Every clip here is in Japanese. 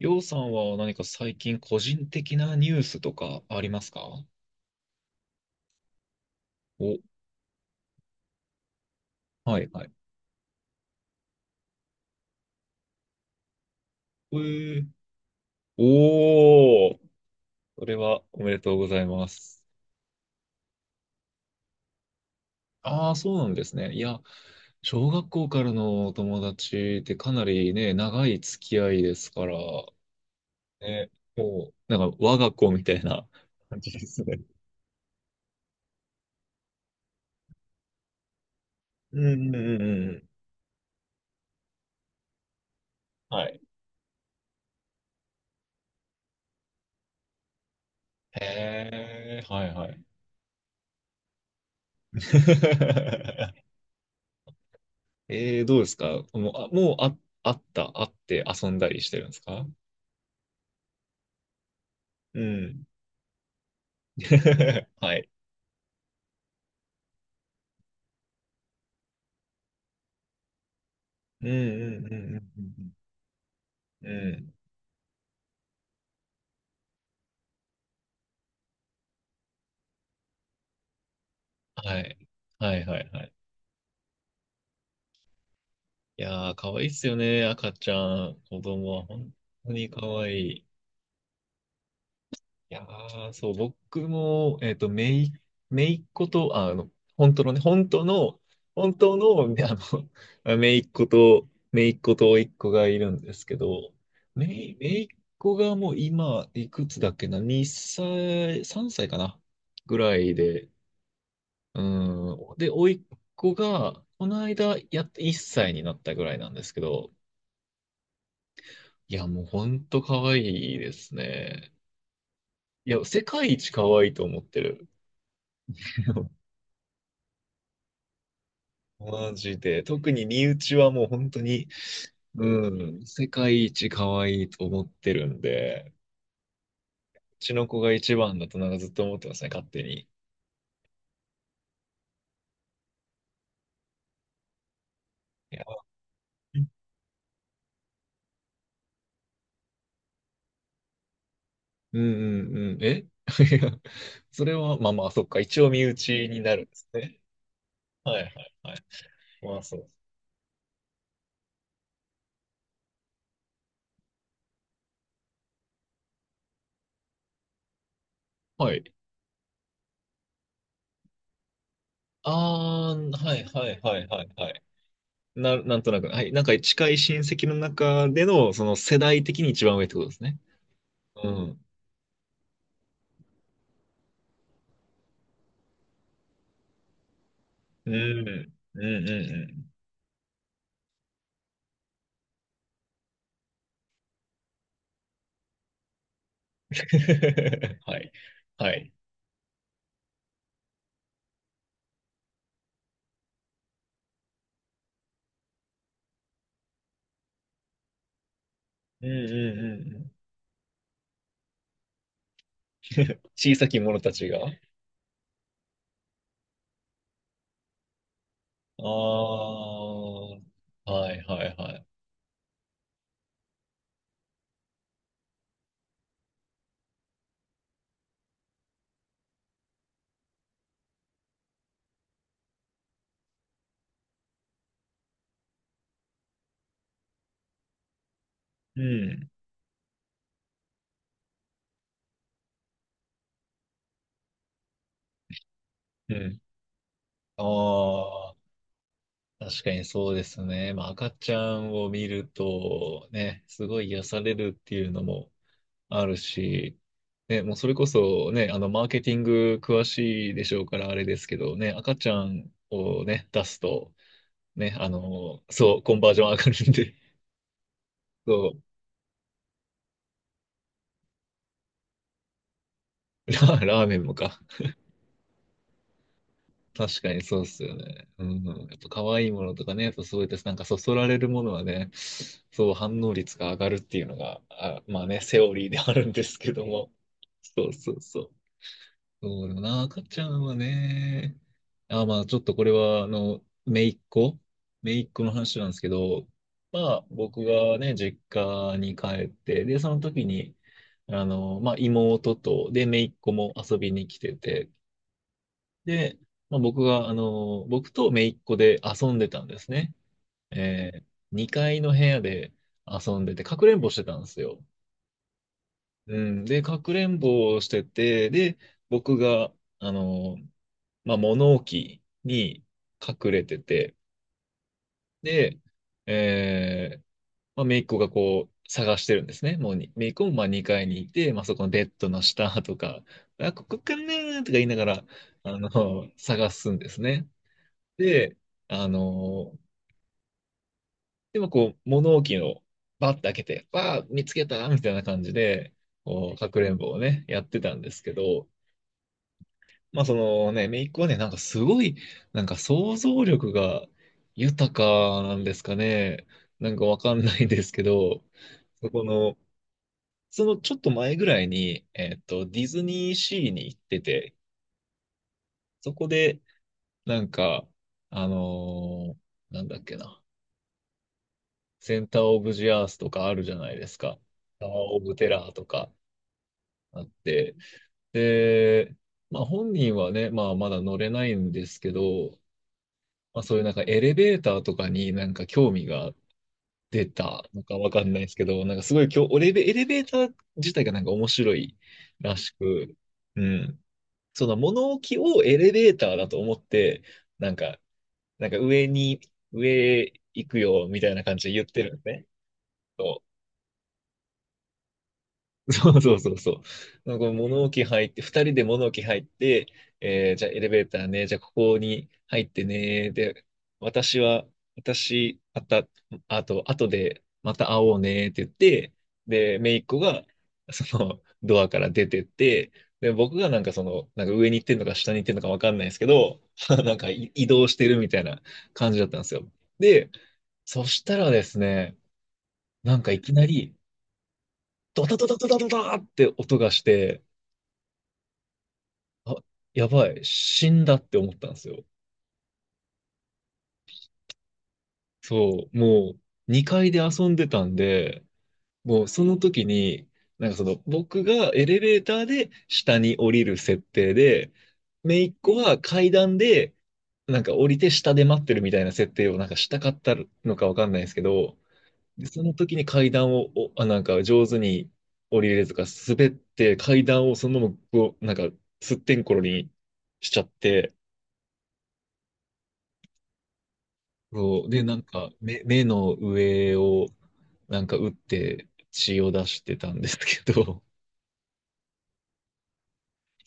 りょうさんは何か最近個人的なニュースとかありますか？お、はいはい。えー、おー、それはおめでとうございます。ああ、そうなんですね。いや、小学校からのお友達ってかなりね、長い付き合いですから、ね、もう、なんか我が子みたいな 感じですね。うんうんうんうん。はい。へえ、はいはい。どうですかもう、あ、もうあ、あった、あって遊んだりしてるんですか？うん。はい。うんうんうんうんうんうん。うん。はい。はいはいはい。いやー、可愛いっすよね、赤ちゃん。子供は本当に可愛い。いやー、そう、僕も、めいっ子と、本当のね、本当の、めいっ子と甥っ子がいるんですけど、めいっ子がもう今、いくつだっけな、2歳、3歳かな、ぐらいで、うん、で、甥っ子が、この間、やっと1歳になったぐらいなんですけど、いや、もう本当可愛いですね。いや、世界一可愛いと思ってる。マジで。特に身内はもう本当に、うん、世界一可愛いと思ってるんで、うちの子が一番だとなんかずっと思ってますね、勝手に。いや、うんうんうん。え いや、それは、そっか。一応身内になるんですね。はいはいはい。まあそう。はい。あー、はいはいはいはいはい。なんとなく、はい。なんか近い親戚の中での、その世代的に一番上ってことですね。うん。うん。うんうんうん。はい。はい。うんうんうんうん小さき者たちが。ああはいはいはい。うん。うん。ああ、確かにそうですね。まあ、赤ちゃんを見ると、ね、すごい癒されるっていうのもあるし、ね、もうそれこそね、マーケティング詳しいでしょうからあれですけどね、赤ちゃんをね、出すと、ね、そう、コンバージョン上がるんで、そう、ラーメンもか。確かにそうっすよね。うんうん。やっぱ可愛いものとかね、やっぱそうやってなんかそそられるものはね、そう反応率が上がるっていうのが、あ、まあね、セオリーであるんですけども。そうそうそう。そうだな、赤ちゃんはね、あ、まあちょっとこれは、姪っ子の話なんですけど、まあ僕がね、実家に帰って、で、その時に、まあ妹と、で、姪っ子も遊びに来てて、で、まあ、僕が、僕と姪っ子で遊んでたんですね。え2階の部屋で遊んでて、かくれんぼしてたんですよ。うん。で、かくれんぼをしてて、で、僕が、あの、まあ、物置に隠れてて、で、えー、まあ、姪っ子がこう、探してるんですね。もうに、姪っ子もまあ2階にいて、まあ、そこのベッドの下とか、あ、ここかなーとか言いながら、探すんですね。で、あのーでもこう、物置をバッて開けて、わあ、見つけたみたいな感じで、こう、かくれんぼをね、やってたんですけど、まあそのね、姪っ子はね、なんかすごい、なんか想像力が豊かなんですかね。なんかわかんないですけど、そこの、そのちょっと前ぐらいに、ディズニーシーに行ってて、そこで、なんか、あのーなんだっけな。センターオブジアースとかあるじゃないですか。タワーオブテラーとかあって。で、まあ本人はね、まあまだ乗れないんですけど、まあそういうなんかエレベーターとかになんか興味が出たのかわかんないですけど、なんかすごい今日、エレベーター自体がなんか面白いらしく、うん。その物置をエレベーターだと思って、なんか、なんか上に、上行くよみたいな感じで言ってるんですね。そう そうそうそうそう。なんかこう物置入って、二人で物置入って、えーじゃあエレベーターね、じゃあここに入ってね、で、私は、私、あた、あと、あとでまた会おうねって言って、で、姪っ子が、その、ドアから出てって、で、僕がなんかその、なんか上に行ってんのか下に行ってんのかわかんないですけど、なんかい移動してるみたいな感じだったんですよ。で、そしたらですね、なんかいきなり、ドタドタドタドタって音がして、あ、やばい、死んだって思ったんですよ。そう、もう2階で遊んでたんで、もうその時に、なんかその僕がエレベーターで下に降りる設定で、姪っ子は階段でなんか降りて下で待ってるみたいな設定をなんかしたかったのかわかんないですけど、で、その時に階段を、なんか上手に降りれるとか、滑って階段をそのままこう、なんか、すってんころにしちゃって、こう、で、目の上を、なんか打って血を出してたんですけど、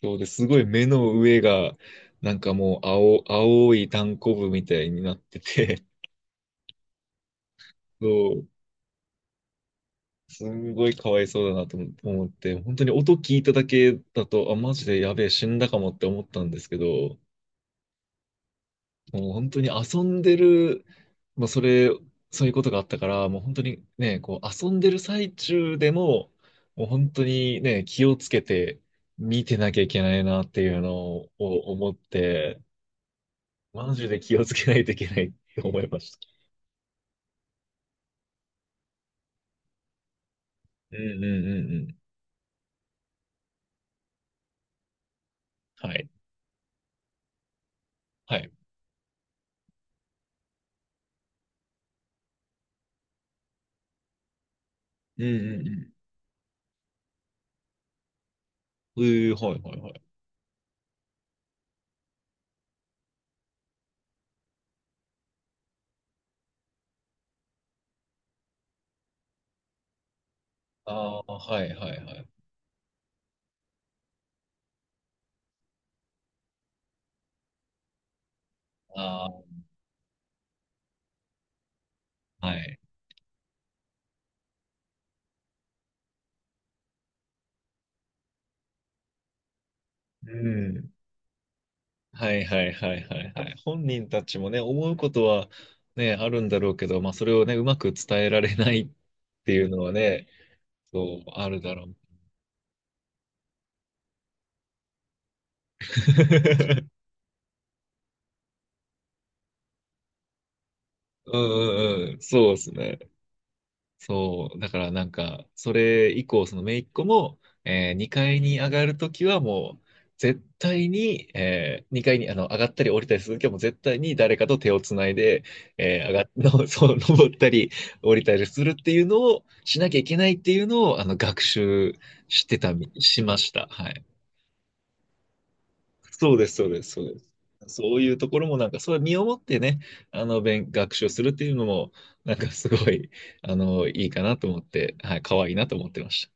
そうですごい目の上が、なんかもう青、青いタンコブみたいになってて、そう、すんごいかわいそうだなと思って、本当に音聞いただけだと、あ、マジでやべえ、死んだかもって思ったんですけど、もう本当に遊んでる、まあ、それ、そういうことがあったから、もう本当にね、こう遊んでる最中でも、もう本当にね、気をつけて見てなきゃいけないなっていうのを思って、マジで気をつけないといけないって思いました。うんうんうんうん。はい。はい。うんうんうん。うー、はいはいはい。ああ、はいはいはい。ああ、はい。うん。はいはいはいはいはい。本人たちもね、思うことはね、あるんだろうけど、まあそれをね、うまく伝えられないっていうのはね、そう、あるだろう。うんうんうん、そうですね。そう、だからなんか、それ以降、その姪っ子も、2階に上がるときはもう、絶対に、2階に上がったり降りたりするときはもう絶対に誰かと手をつないで、えー、上がっ、の、そう、登ったり降りたりするっていうのをしなきゃいけないっていうのを、あの、学習してたみ、しました。はい。そうです、そうです、そうです。そういうところもなんか、それ身をもってね、学習するっていうのも、なんかすごい、いいかなと思って、はい、可愛いなと思ってました。